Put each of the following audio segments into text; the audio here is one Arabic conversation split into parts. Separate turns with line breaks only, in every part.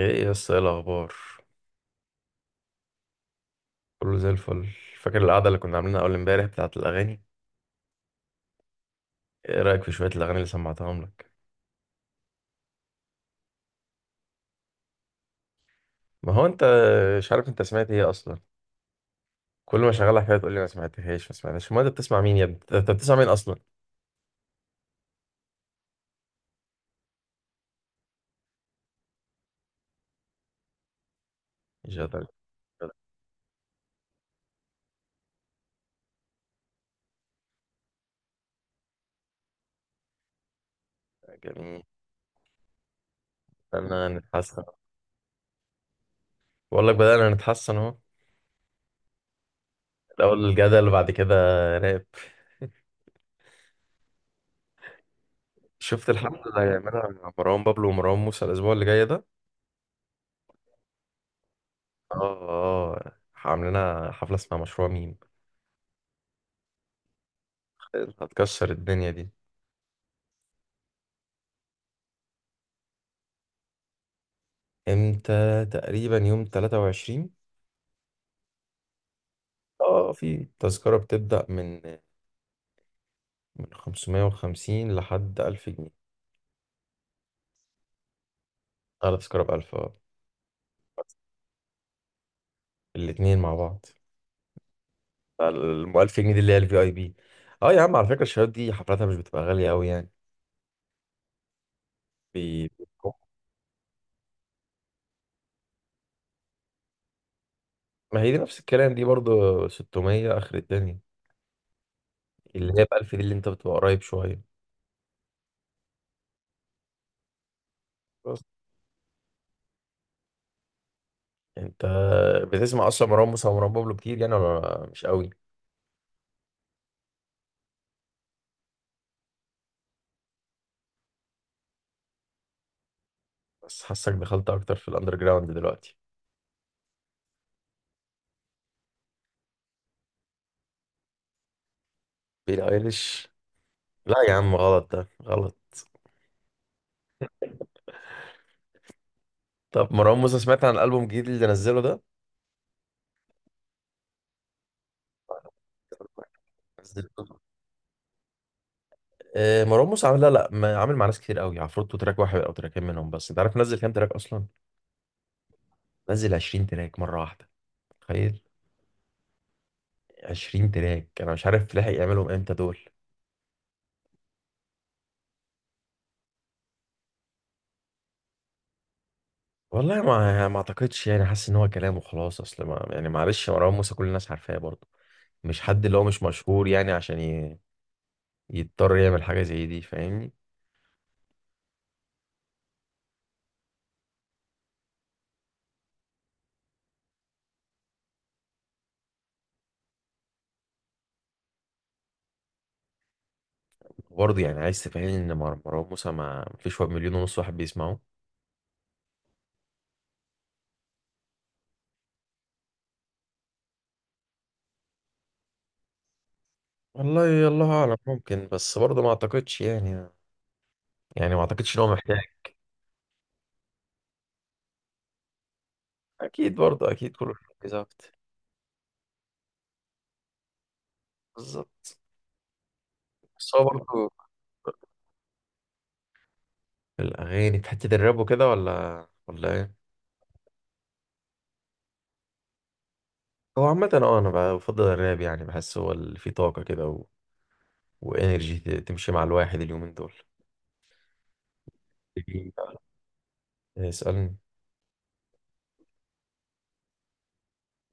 ايه يا اسطى، ايه الاخبار؟ كله زي الفل. فاكر القعده اللي كنا عاملينها اول امبارح بتاعه الاغاني؟ ايه رايك في شويه الاغاني اللي سمعتهم لك؟ ما هو انت مش عارف انت سمعت ايه اصلا. كل ما شغالها حاجه تقول لي ما سمعتهاش ما سمعتهاش. ما انت بتسمع مين يا ابني؟ انت بتسمع مين اصلا؟ جدل جميل. بدأنا نتحسن. بقول لك بدأنا نتحسن اهو. الاول الجدل وبعد كده راب. شفت الحفله اللي هيعملها مع مروان بابلو ومروان موسى الاسبوع اللي جاي ده؟ اه، اه عاملينها حفله اسمها مشروع ميم. هتكسر الدنيا دي. امتى تقريبا؟ يوم 23. اه في تذكرة بتبدأ من 550 لحد 1000 جنيه. اعلى تذكرة ب 1000، اه. الاتنين مع بعض. ال 1000 جنيه دي اللي هي الفي اي بي. اه يا عم، على فكرة الشباب دي حفلاتها مش بتبقى غالية قوي يعني. بي... ما هي دي نفس الكلام دي برضو، 600 اخر الدنيا. اللي هي ب 1000 دي اللي انت بتبقى قريب شوية. بس انت بتسمع اصلا مروان موسى ومروان بابلو كتير يعني، ولا مش قوي؟ بس حاسك دخلت اكتر في الاندر جراوند دلوقتي. بيلي ايليش؟ لا يا عم، غلط ده، غلط. طب مروان موسى سمعت عن الألبوم الجديد اللي نزله ده؟ نزل، آه، مروان موسى عامل لا لا ما- عامل مع ناس كتير قوي. عفروتو تراك واحد او تراكين منهم بس. انت عارف نزل كام تراك اصلا؟ نزل 20 تراك مره واحده. تخيل. 20 تراك، انا مش عارف لحق يعملهم امتى دول. والله ما اعتقدش يعني. حاسس ان هو كلام وخلاص، اصل ما يعني معلش مروان موسى كل الناس عارفاه برضه. مش حد اللي هو مش مشهور يعني عشان يضطر يعمل حاجه زي دي، فاهمني؟ برضه يعني عايز تفهمني ان مروان موسى ما فيش واحد مليون ونص واحد بيسمعه؟ والله الله اعلم، ممكن، بس برضه ما اعتقدش يعني. يعني ما اعتقدش ان هو محتاج. اكيد برضه، اكيد كله. بيركز اكتر. بالظبط. بس هو برضه الاغاني في حته الراب وكده، ولا ايه؟ هو عامه، اه انا بفضل الراب يعني. بحس هو اللي فيه طاقه كده وانرجي تمشي مع الواحد اليومين دول. إيه، اسالني.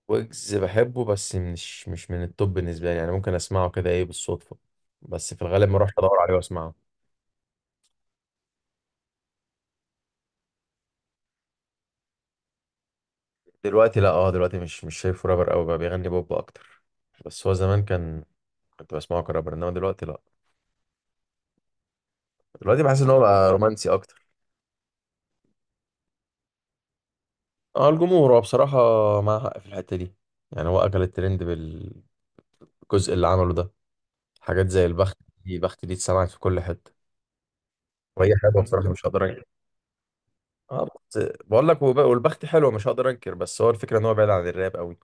ويجز بحبه بس مش من التوب بالنسبة لي يعني. ممكن اسمعه كده، ايه، بالصدفة، بس في الغالب ما اروحش ادور عليه واسمعه. دلوقتي لا، اه دلوقتي مش شايفه رابر قوي، بقى بيغني بوب اكتر. بس هو زمان كان، كنت بسمعه كرابر، انما دلوقتي لا. دلوقتي بحس ان هو بقى رومانسي اكتر. اه الجمهور، هو بصراحة معاه حق في الحتة دي. يعني هو اكل الترند بالجزء اللي عمله ده. حاجات زي البخت، دي البخت دي اتسمعت في كل حتة. وهي حلوة بصراحة مش هقدر انكر. اه بس بقول لك، والبخت حلوة مش هقدر انكر، بس هو الفكرة ان هو بعيد عن الراب قوي.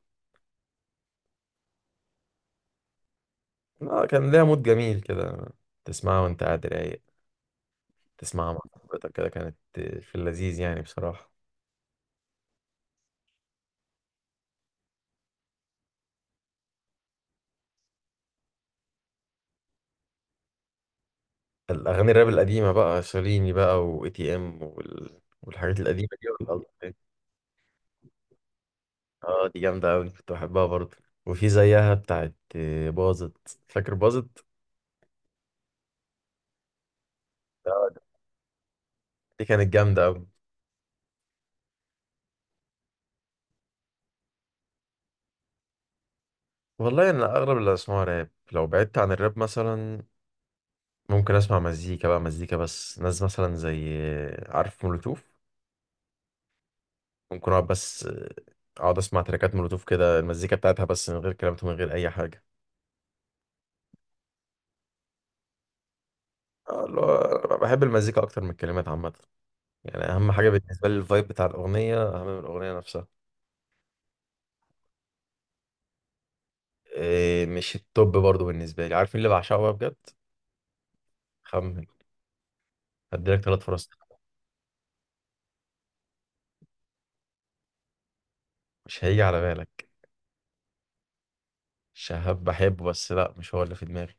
لا كان ليها مود جميل كده. تسمعها وانت قاعد رايق. تسمعها مع صاحبتك كده، كانت في اللذيذ يعني بصراحة. الأغاني الراب القديمة بقى، شاليني بقى، و اي تي ام والحاجات القديمة دي، والألبوم ده. اه دي جامدة أوي، كنت بحبها برضه. وفي زيها بتاعت باظت، فاكر باظت؟ آه، دي كانت جامدة أوي. والله أنا أغلب اللي أسمعه راب. لو بعدت عن الراب مثلا ممكن أسمع مزيكا بقى، مزيكا بس ناس مثلا زي، عارف مولوتوف؟ ممكن اقعد بس آه، اقعد اسمع تراكات مولوتوف كده، المزيكا بتاعتها بس من غير كلمات ومن غير اي حاجه. آه، اللي هو أنا بحب المزيكا اكتر من الكلمات عامه. يعني اهم حاجه بالنسبه لي الفايب بتاع الاغنيه، اهم من الاغنيه نفسها. إيه، مش التوب برضو بالنسبه لي. عارف مين اللي بعشقه بقى بجد؟ خمن. هديلك ثلاث فرص. مش هيجي على بالك. شهاب بحبه بس لا مش هو اللي في دماغي.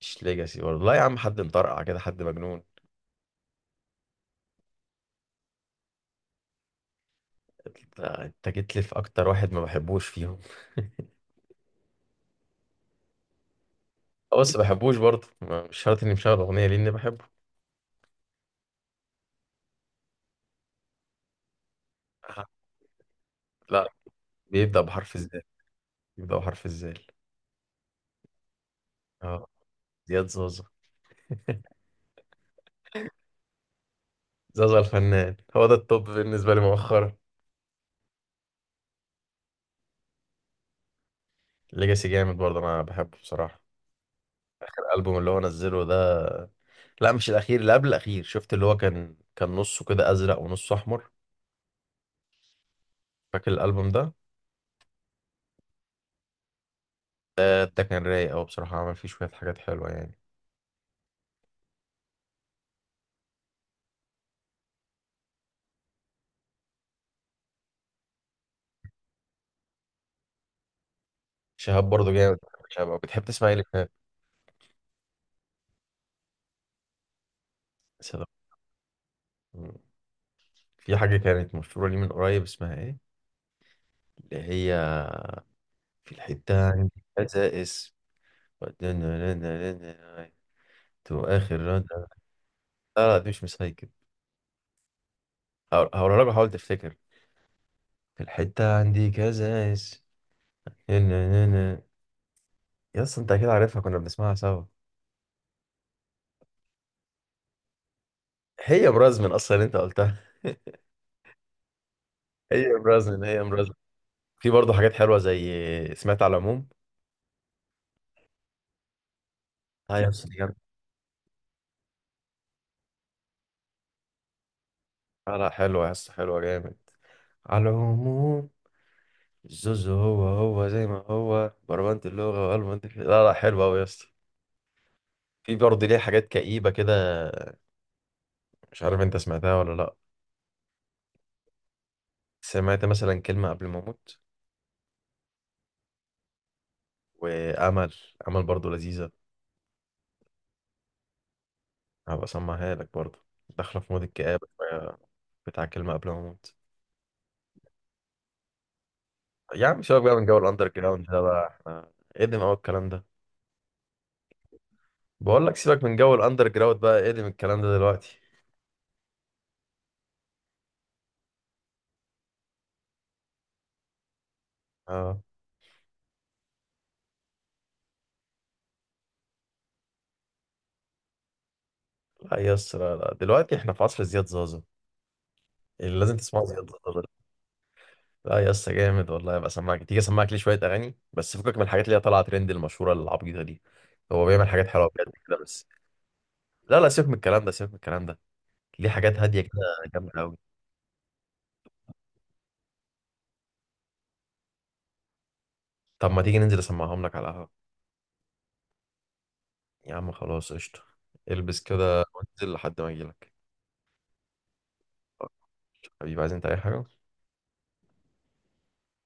مش ليجاسي برضه، لا يا عم. حد مطرقع كده، حد مجنون. انت، أنت جيت لي في اكتر واحد ما بحبوش فيهم. آه، بس بحبوش برضه. مش شرط اني مشغل اغنيه لاني بحبه. لا، بيبدأ بحرف الزال. بيبدأ بحرف الزال. اه، زياد زازا. زازا الفنان هو ده التوب بالنسبة لي مؤخرا. ليجاسي جامد برضه، انا بحبه بصراحة. الالبوم اللي هو نزله ده، لا مش الاخير، اللي قبل الاخير. شفت اللي هو كان نصه كده ازرق ونصه احمر؟ فاكر الالبوم ده؟ ده كان رايق قوي بصراحة. عمل فيه شوية حاجات حلوة يعني. شهاب برضه جامد. شهاب أوي. بتحب تسمع ايه لشهاب؟ سلام. مم. في حاجة كانت مشهورة لي من قريب، اسمها ايه؟ اللي هي في الحتة عندي، خسائس، تو اخر رد. لا لا دي مش مسايكل. هقولها لك وحاول تفتكر. في الحتة عندي كذا اس، نا- نا. يا اسطى انت اكيد عارفها، كنا بنسمعها سوا. هي برازمن اصلا اللي انت قلتها. هي برازمن، هي برازمن. في برضه حاجات حلوه زي سمعت على العموم. اه يا اسطى دي جامدة. لا لا حلوه يا اسطى، حلوه جامد. على العموم الزوز، هو هو زي ما هو بربنت اللغه وقلب انت. لا لا حلوه قوي يا اسطى. في برضه ليه حاجات كئيبه كده، مش عارف انت سمعتها ولا لا. سمعت مثلا كلمة قبل ما أموت؟ وأمل، أمل برضو لذيذة. هبقى أسمعها لك برضو. داخلة في مود الكآبة شوية، بتاع كلمة قبل ما أموت. يا عم سيبك بقى من جو الأندر جراوند ده بقى، إحنا قدم أوي الكلام ده. بقول لك سيبك من جو الأندر جراوند بقى، قدم الكلام ده دلوقتي. أه. لا يا اسطى، لا لا دلوقتي إحنا في عصر زياد زازا. اللي لازم تسمعه زياد زازا ده. لا يا اسطى جامد والله. هبقى أسمعك، تيجي أسمعك ليه شوية أغاني بس، فكك من الحاجات اللي هي طالعة ترند المشهورة العبيطة دي. هو بيعمل حاجات حلوة بجد كده بس. لا لا سيبك من الكلام ده، سيبك من الكلام ده. ليه حاجات هادية كده، جامدة أوي. طب ما تيجي ننزل أسمعهم لك على القهوة؟ يا عم خلاص قشطة. البس كده وانزل لحد ما أجيلك. حبيبي، عايز أنت أي حاجة؟